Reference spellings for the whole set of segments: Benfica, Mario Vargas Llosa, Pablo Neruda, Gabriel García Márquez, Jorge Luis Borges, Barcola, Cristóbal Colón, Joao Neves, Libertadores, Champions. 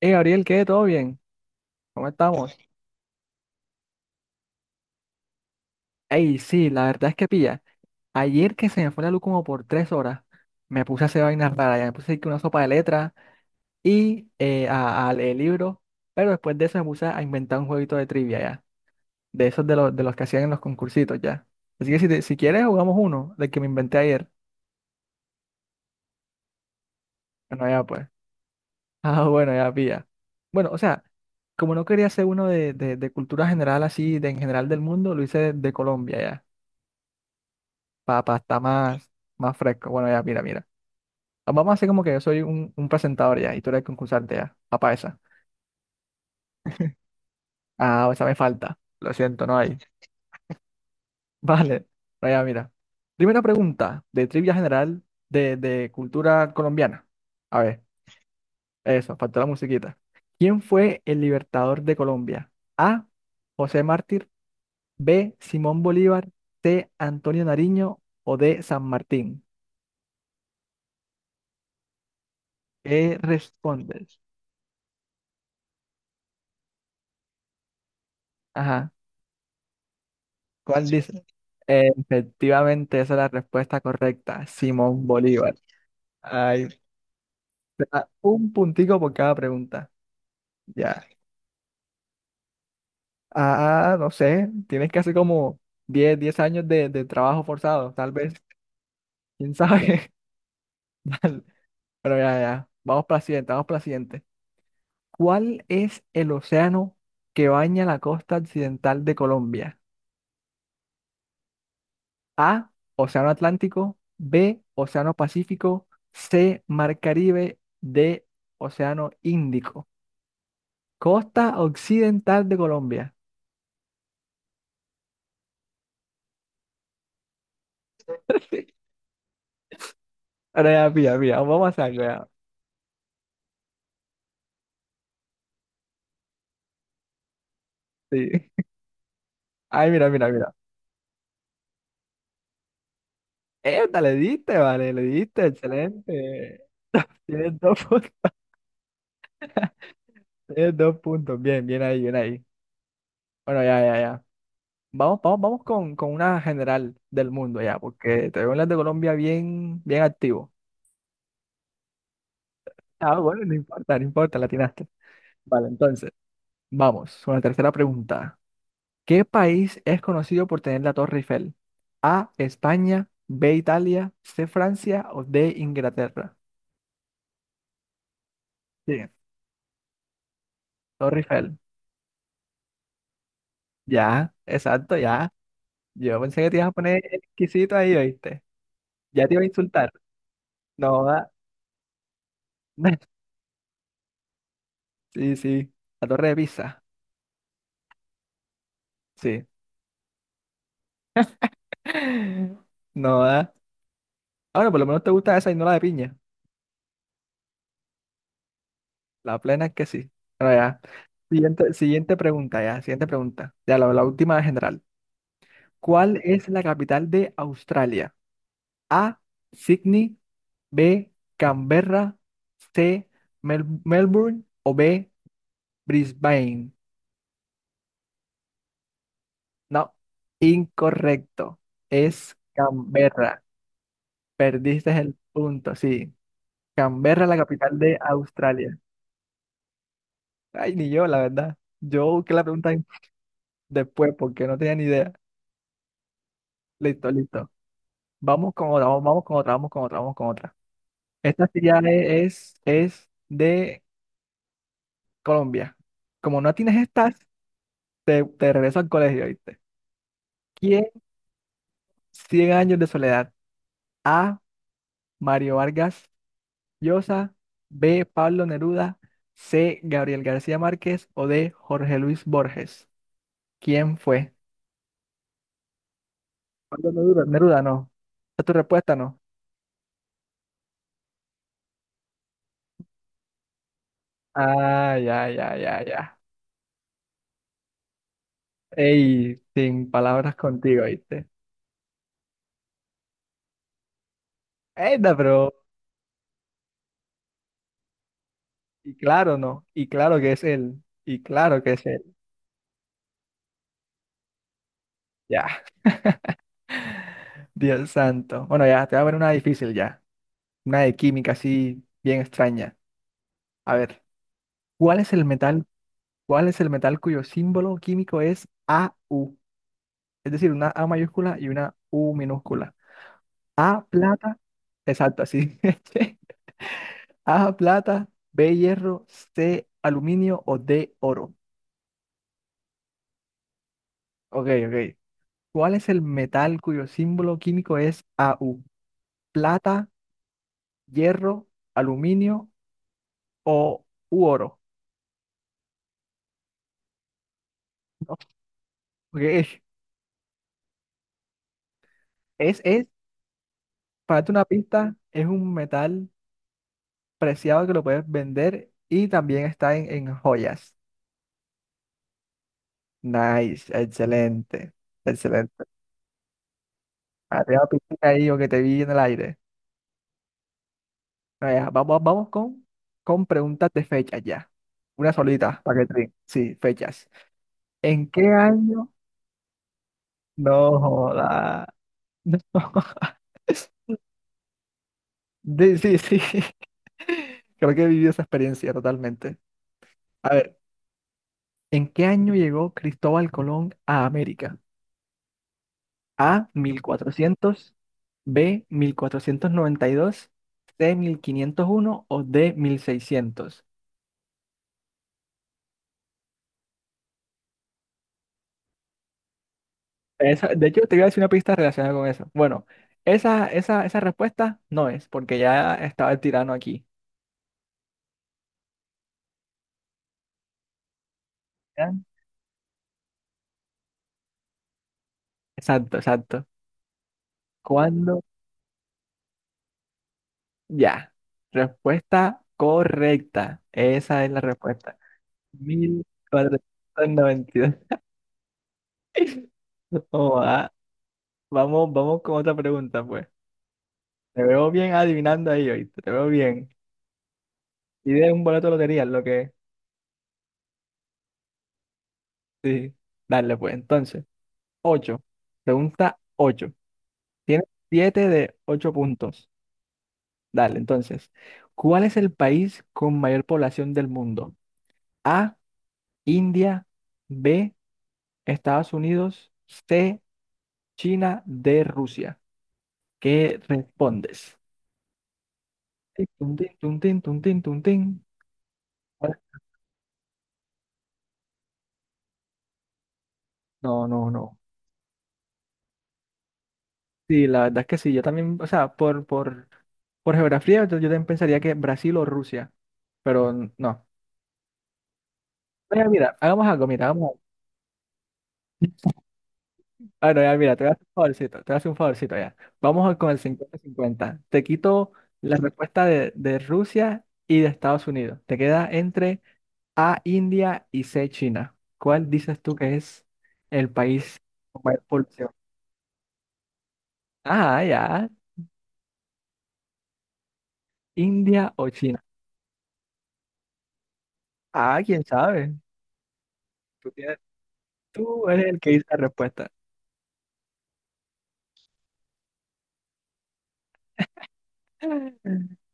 Hey, Gabriel, ¿qué? ¿Todo bien? ¿Cómo estamos? Hey, sí, la verdad es que pilla. Ayer que se me fue la luz como por 3 horas, me puse a hacer vainas raras. Ya me puse que una sopa de letras y a leer libros. Pero después de eso me puse a inventar un jueguito de trivia ya. De esos los de los que hacían en los concursitos ya. Así que si quieres jugamos uno, del que me inventé ayer. Bueno, ya pues. Ah, bueno, ya pilla. Bueno, o sea, como no quería hacer uno de cultura general así, de en general del mundo, lo hice de Colombia. Papá, está más fresco. Bueno, ya, mira, mira. Vamos a hacer como que yo soy un presentador ya y tú eres concursante ya. Papá, esa. Ah, esa me falta. Lo siento, no hay. Vale. No, ya, mira. Primera pregunta de trivia general de cultura colombiana. A ver, eso, faltó la musiquita. ¿Quién fue el libertador de Colombia? A. José Mártir. B. Simón Bolívar. C. Antonio Nariño. O D. San Martín. ¿Qué respondes? Ajá. ¿Cuál dice? Efectivamente, esa es la respuesta correcta, Simón Bolívar. Ay, te da un puntico por cada pregunta. Ya. Ah, no sé, tienes que hacer como diez años de trabajo forzado, tal vez. ¿Quién sabe? Dale. Pero ya, ya. Vamos para la siguiente, vamos para la siguiente. ¿Cuál es el océano que baña la costa occidental de Colombia? A, Océano Atlántico. B, Océano Pacífico. C, Mar Caribe. D, Océano Índico. Costa occidental de Colombia. Ahora ya, mira, mira, vamos a sacar, ya. Sí. Ay, mira, mira, mira. Esta le diste, vale, le diste, excelente. Tienes dos, pun- Tienes 2 puntos. Bien, bien ahí, bien ahí. Bueno, ya, ya, ya. Vamos, vamos, vamos con una general del mundo ya, porque te veo en las de Colombia bien, bien activo. Ah, bueno, no importa, no importa, la Vale, entonces, vamos con la tercera pregunta. ¿Qué país es conocido por tener la Torre Eiffel? A, España. B, Italia. C, Francia. O D, Inglaterra. Sí, Torre Eiffel. Ya, exacto, ya. Yo pensé que te ibas a poner exquisito ahí, ¿oíste? Ya te iba a insultar. No da. Sí, sí, la Torre de Pisa. Sí. No da. Ahora, por lo menos te gusta esa y no la de piña. La plena es que sí. Bueno, ya. Siguiente, siguiente pregunta, ya. Siguiente pregunta. Ya, la última general. ¿Cuál es la capital de Australia? A. Sydney. B. Canberra. C. Melbourne. O B. Brisbane. No, incorrecto. Es Canberra. Perdiste el punto, sí. Canberra, la capital de Australia. Ay, ni yo, la verdad. Yo busqué la pregunta después porque no tenía ni idea. Listo, listo. Vamos con otra, vamos con otra, vamos con otra, vamos con otra. Esta sí ya es de Colombia. Como no tienes estas, te regreso al colegio, ¿viste? ¿Quién? Cien años de soledad. A. Mario Vargas Llosa. B. Pablo Neruda. C. Gabriel García Márquez. O D. Jorge Luis Borges. ¿Quién fue? Pablo Neruda. Neruda, no. ¿Es tu respuesta, no? Ah, ya, ya, ya, ya. Ey, sin palabras contigo, ¿viste? Enda, pero. Y claro, no. Y claro que es él. Y claro que es él. Ya, Dios santo. Bueno, ya, te voy a poner una difícil ya. Una de química así bien extraña. A ver, ¿cuál es el metal? ¿Cuál es el metal cuyo símbolo químico es AU? Es decir, una A mayúscula y una U minúscula. A plata, exacto, así. A plata, B hierro, C aluminio o D oro. Ok, ok. ¿Cuál es el metal cuyo símbolo químico es AU? Plata, hierro, aluminio o u oro. No, ok, es para darte una pista, es un metal preciado que lo puedes vender y también está en joyas. Nice, excelente, excelente. Arriba piscina ahí o que te vi en el aire. Vaya, vamos, vamos con preguntas de fechas ya. Una solita, para que te... Sí, fechas. ¿En qué año? No joda. No. Sí, sí, sí. Creo que he vivido esa experiencia totalmente. A ver, ¿en qué año llegó Cristóbal Colón a América? A. 1400. B. 1492. C. 1501. O D. 1600. De hecho, te voy a decir una pista relacionada con eso. Bueno, esa respuesta no es, porque ya estaba el tirano aquí. ¿Ya? Exacto, exacto. ¿Cuándo? Ya. Respuesta correcta. Esa es la respuesta. 1492. Oh, ah. Vamos, vamos con otra pregunta, pues. Te veo bien adivinando ahí, hoy te veo bien. Y de un boleto de lotería, lo que sí, dale pues. Entonces, ocho. Pregunta ocho. Tienes 7 de 8 puntos. Dale, entonces, ¿cuál es el país con mayor población del mundo? A, India. B, Estados Unidos. C, China. D, Rusia. ¿Qué respondes? Tin, tun, tin, tun, tin, tun, tin, tun, tin. No, no, no. Sí, la verdad es que sí, yo también, o sea, por geografía, yo también pensaría que Brasil o Rusia, pero no. Mira, mira, hagamos algo, mira, hagamos. Ah, no, ya, mira, te voy a hacer un favorcito, te voy a hacer un favorcito ya. Con el 50-50 te quito la respuesta de Rusia y de Estados Unidos. Te queda entre A, India y C, China. ¿Cuál dices tú que es el país con mayor población? Ah, ya, India o China. Ah, quién sabe. Tú, tienes- tú eres el que dice la respuesta.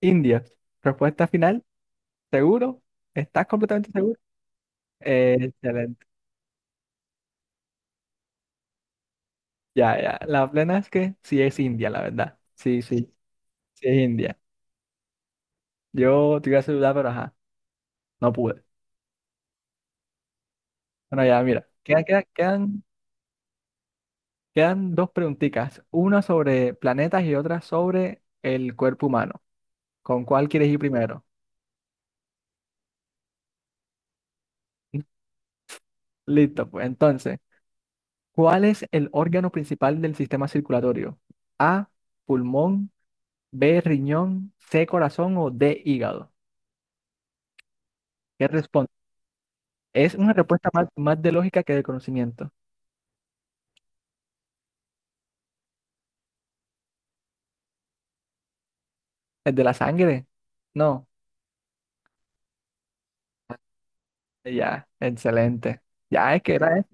India. Respuesta final, ¿seguro? ¿Estás completamente seguro? Excelente. Ya, ya. La plena es que sí es India, la verdad. Sí, sí, sí es India. Yo te iba a saludar, pero ajá, no pude. Bueno, ya, mira. Quedan dos preguntitas. Una sobre planetas y otra sobre el cuerpo humano. ¿Con cuál quieres ir primero? Listo, pues entonces, ¿cuál es el órgano principal del sistema circulatorio? A, pulmón. B, riñón. C, corazón. O D, hígado. ¿Qué responde? Es una respuesta más de lógica que de conocimiento. ¿El de la sangre? No. Ya, excelente. Ya, es que era, e-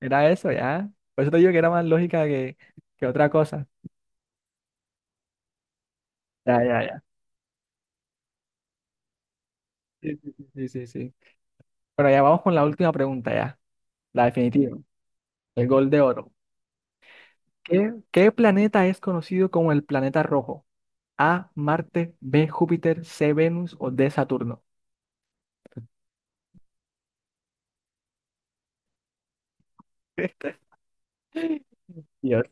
era eso, ya. Por eso te digo que era más lógica que otra cosa. Ya, ya, ya. Sí, sí, sí, sí, sí, sí. Bueno, ya vamos con la última pregunta, ya. La definitiva. El gol de oro. ¿Qué planeta es conocido como el planeta rojo? A, Marte. B, Júpiter. C, Venus. O D, Saturno. Dios.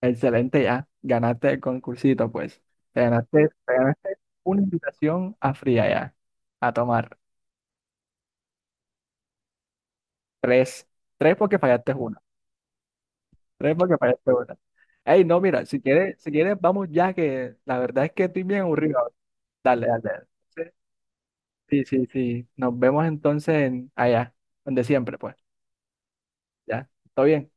Excelente ya, ganaste el concursito pues. Te ganaste una invitación a fría ya, a tomar tres, tres porque fallaste una, tres porque fallaste una. Ey, no, mira, si quieres vamos ya que la verdad es que estoy bien aburrido. Dale, dale. Dale. Sí, sí, sí. sí. Nos vemos entonces allá, donde siempre pues. Ya, ¿todo bien?